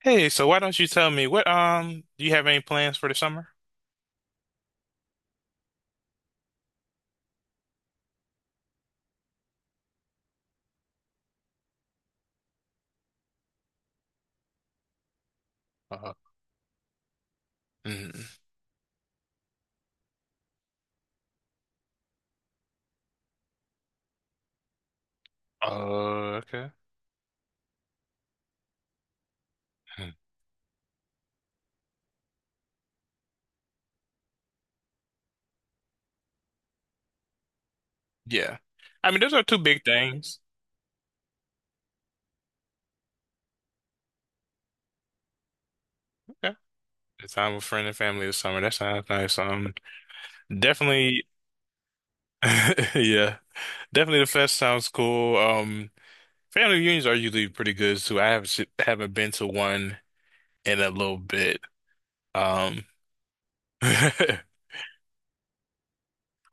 Hey, so why don't you tell me what do you have any plans for the summer? Uh, mm, okay. Hmm. Yeah. I mean, those are two big things. Okay. The time with friends and family this summer. That sounds nice. Definitely. Yeah. Definitely the fest sounds cool. Family reunions are usually pretty good too. I haven't been to one in a little bit. Um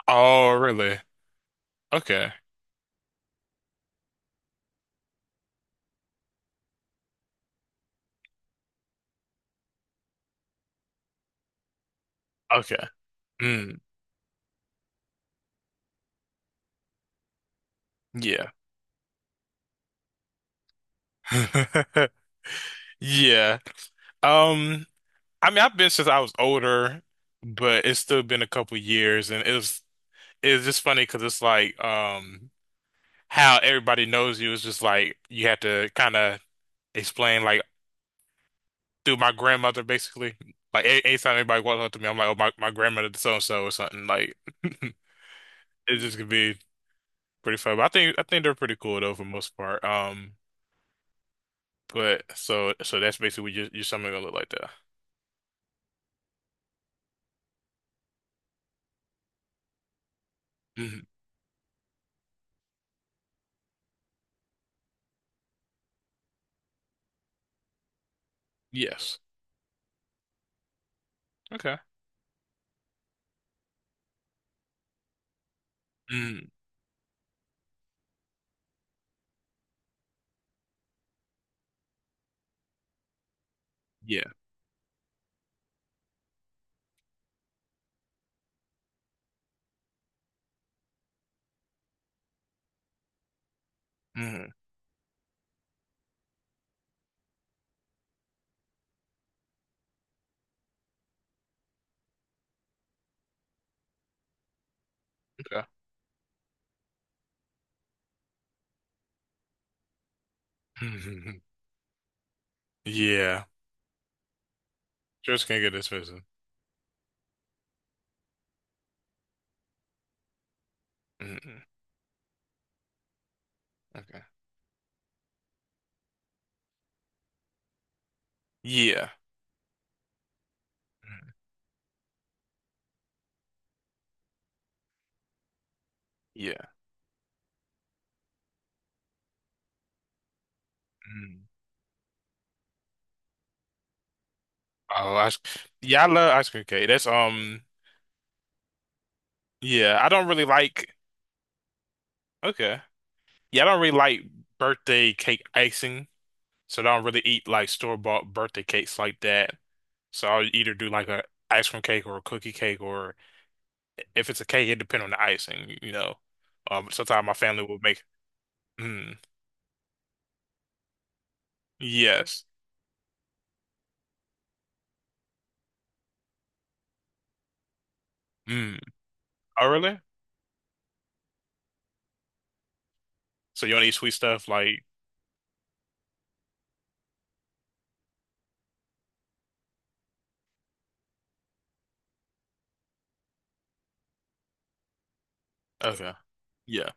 Oh, really? Okay. Okay. Mm, yeah. Yeah. Um, I mean, I've been since I was older, but it's still been a couple years, and it's just funny because it's like how everybody knows you is just like you have to kind of explain like through my grandmother basically. Like anytime anybody walks up to me, I'm like, oh my grandmother did so and so or something. Like it just could be pretty fun. But I think they're pretty cool though for the most part. But so that's basically what you're something gonna look like that. Mhm. Yes. Okay. Mhm. Yeah. Mhm. Okay. Yeah. Just can't get this person. Mm-mm. Okay. Yeah. Mm. Yeah. Mm. Oh, ice. Yeah, I love ice cream cake. That's. Yeah, I don't really like. Okay. Yeah, I don't really like birthday cake icing, so I don't really eat like store-bought birthday cakes like that. So I'll either do like a ice cream cake or a cookie cake, or if it's a cake, it depends on the icing. You know. Sometimes my family will make. Mm. Yes. Mm. Oh, really? So you don't eat sweet stuff like? Okay. Yeah.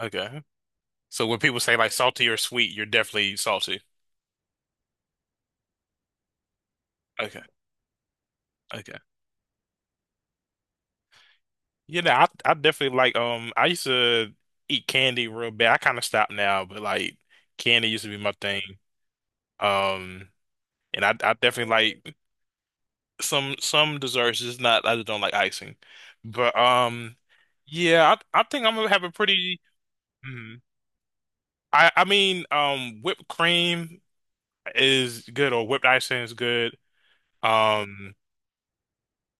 Okay. So when people say like salty or sweet, you're definitely salty. Okay. Okay. You know, I definitely like I used to eat candy real bad. I kind of stopped now, but like candy used to be my thing. Um, and I definitely like some desserts. Just not I just don't like icing. But yeah, I think I'm gonna have a pretty. mm, I mean, whipped cream is good or whipped icing is good. Um.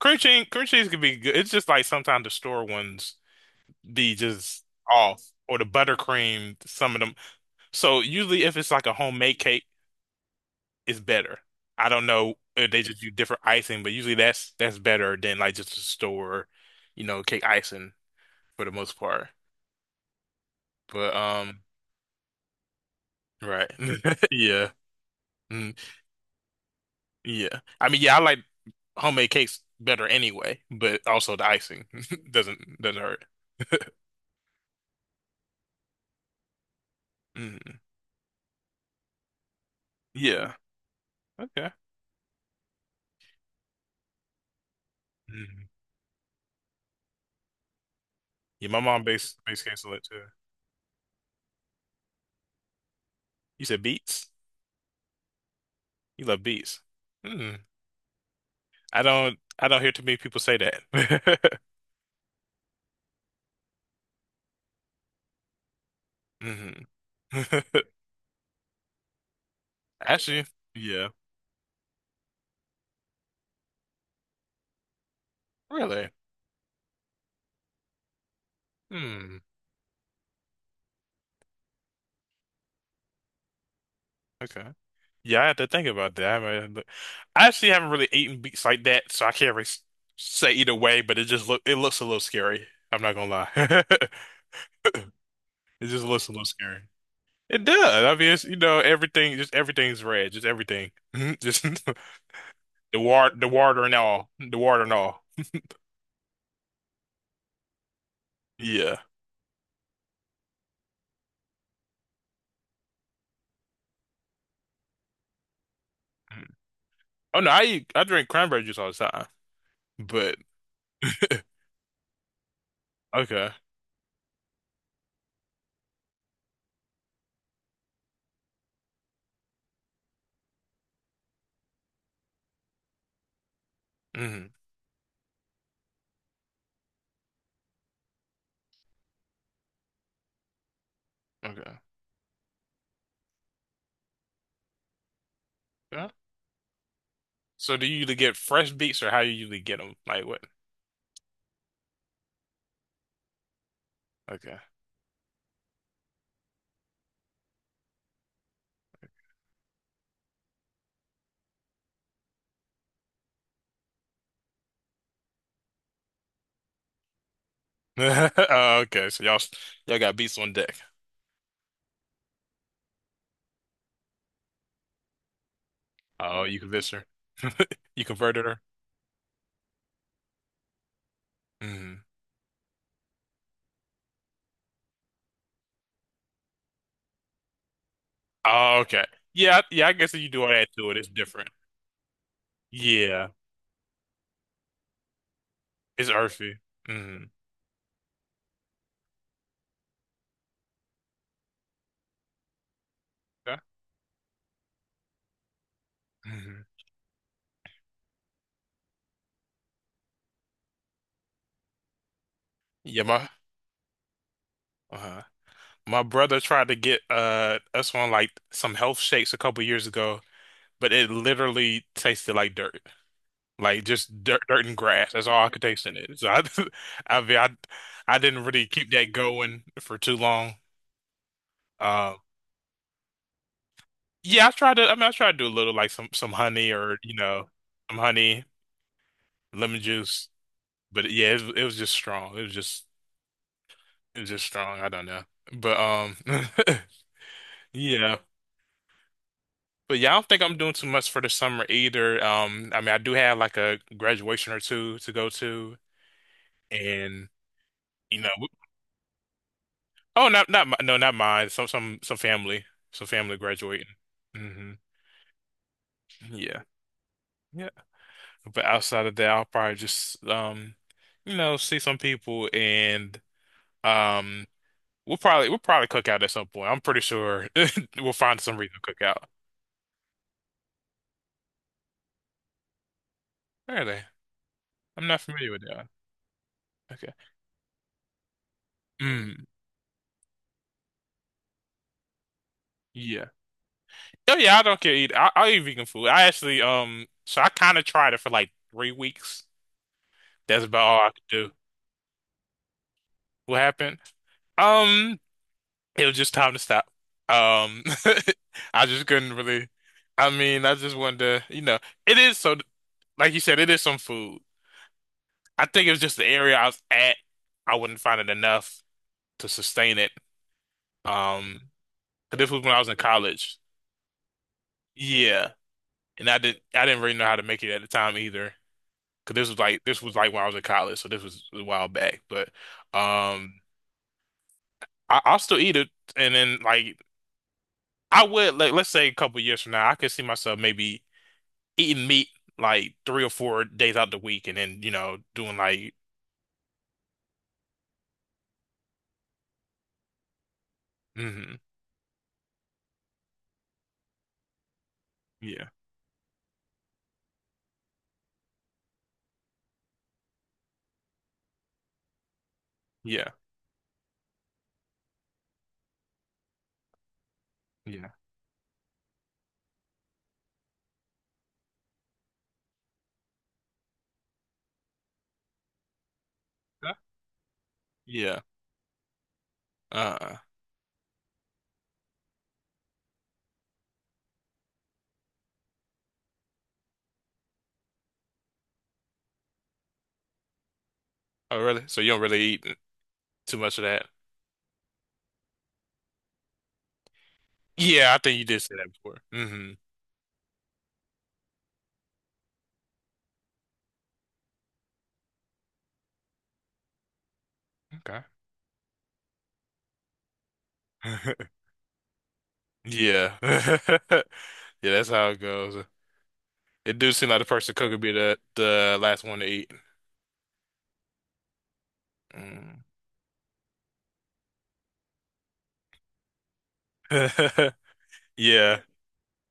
Cream cheese could be good. It's just like sometimes the store ones be just off, or the buttercream, some of them. So usually, if it's like a homemade cake, it's better. I don't know if they just do different icing, but usually that's better than like just a store, cake icing for the most part. But right, yeah, mm, yeah. I mean, yeah, I like homemade cakes better anyway, but also the icing doesn't hurt. Mm, yeah, okay. Mm-hmm. Yeah, my mom base case on it too. You said beats. You love beats. Hmm. I don't hear too many people say that. Hmm. Actually, yeah. Really? Hmm. Okay. Yeah, I have to think about that. I actually haven't really eaten beets like that, so I can't really say either way, but it looks a little scary. I'm not gonna lie. It just looks a little scary. It does. I mean, it's, everything, just everything's red, just everything. Just the water and all, the water and all. Yeah. Mhm. Oh no, I drink cranberry juice all the time. But okay, hmm, okay, yeah. So do you usually get fresh beets or how you usually get them? Like what? Okay. Oh, okay, so y'all got beets on deck. Oh, you convinced her. You converted her. Hmm. Oh, okay. Yeah, yeah. I guess if you do all that to it, it's different. Yeah, it's earthy. Hmm. Yeah. Hmm. Yeah, my. Uh-huh. My brother tried to get us on like some health shakes a couple years ago, but it literally tasted like dirt. Like just dirt, dirt and grass. That's all I could taste in it. I mean, I didn't really keep that going for too long. Uh, yeah, I tried to. I mean, I tried to do a little like some honey or some honey, lemon juice. But yeah, it was just strong. It was just strong. I don't know. But yeah. But yeah, I don't think I'm doing too much for the summer either. I mean, I do have like a graduation or two to go to, and you know, w- oh, not not no, not mine. Some some family graduating. Hmm. Yeah, yeah. But outside of that, I'll probably just see some people, and um, we'll probably cook out at some point. I'm pretty sure we'll find some reason to cook out. Where are they? I'm not familiar with that. Okay. Mm, yeah. Oh yeah, I don't care either. I eat vegan food. I actually, so I kind of tried it for like 3 weeks. That's about all I could do. What happened? Um, it was just time to stop. Um, I just couldn't really. I mean, I just wanted to, it is so, like you said, it is some food. I think it was just the area I was at. I wouldn't find it enough to sustain it. Um, 'Cause this was when I was in college. Yeah, and I didn't really know how to make it at the time either. Cause this was like when I was in college, so this was a while back. But um, I'll still eat it, and then like I would like let's say a couple years from now, I could see myself maybe eating meat like 3 or 4 days out the week, and then doing like hmm, yeah, yeah, yeah. Huh? Yeah, uh oh, really? So you don't really eat too much of that? Yeah, I think you did say that before. Hmm. Okay. Yeah. Yeah, that's how it goes. It do seem like the person cook would be the last one to eat. Mm. Yeah.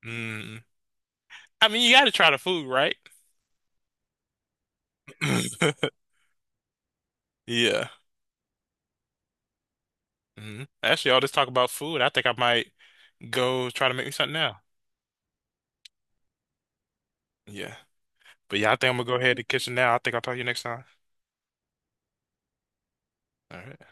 Mm. I mean, you got to try the food, right? Yeah. Mm. Actually, all this talk about food, I think I might go try to make me something now. Yeah. But yeah, I think I'm gonna go ahead to the kitchen now. I think I'll talk to you next time. All right.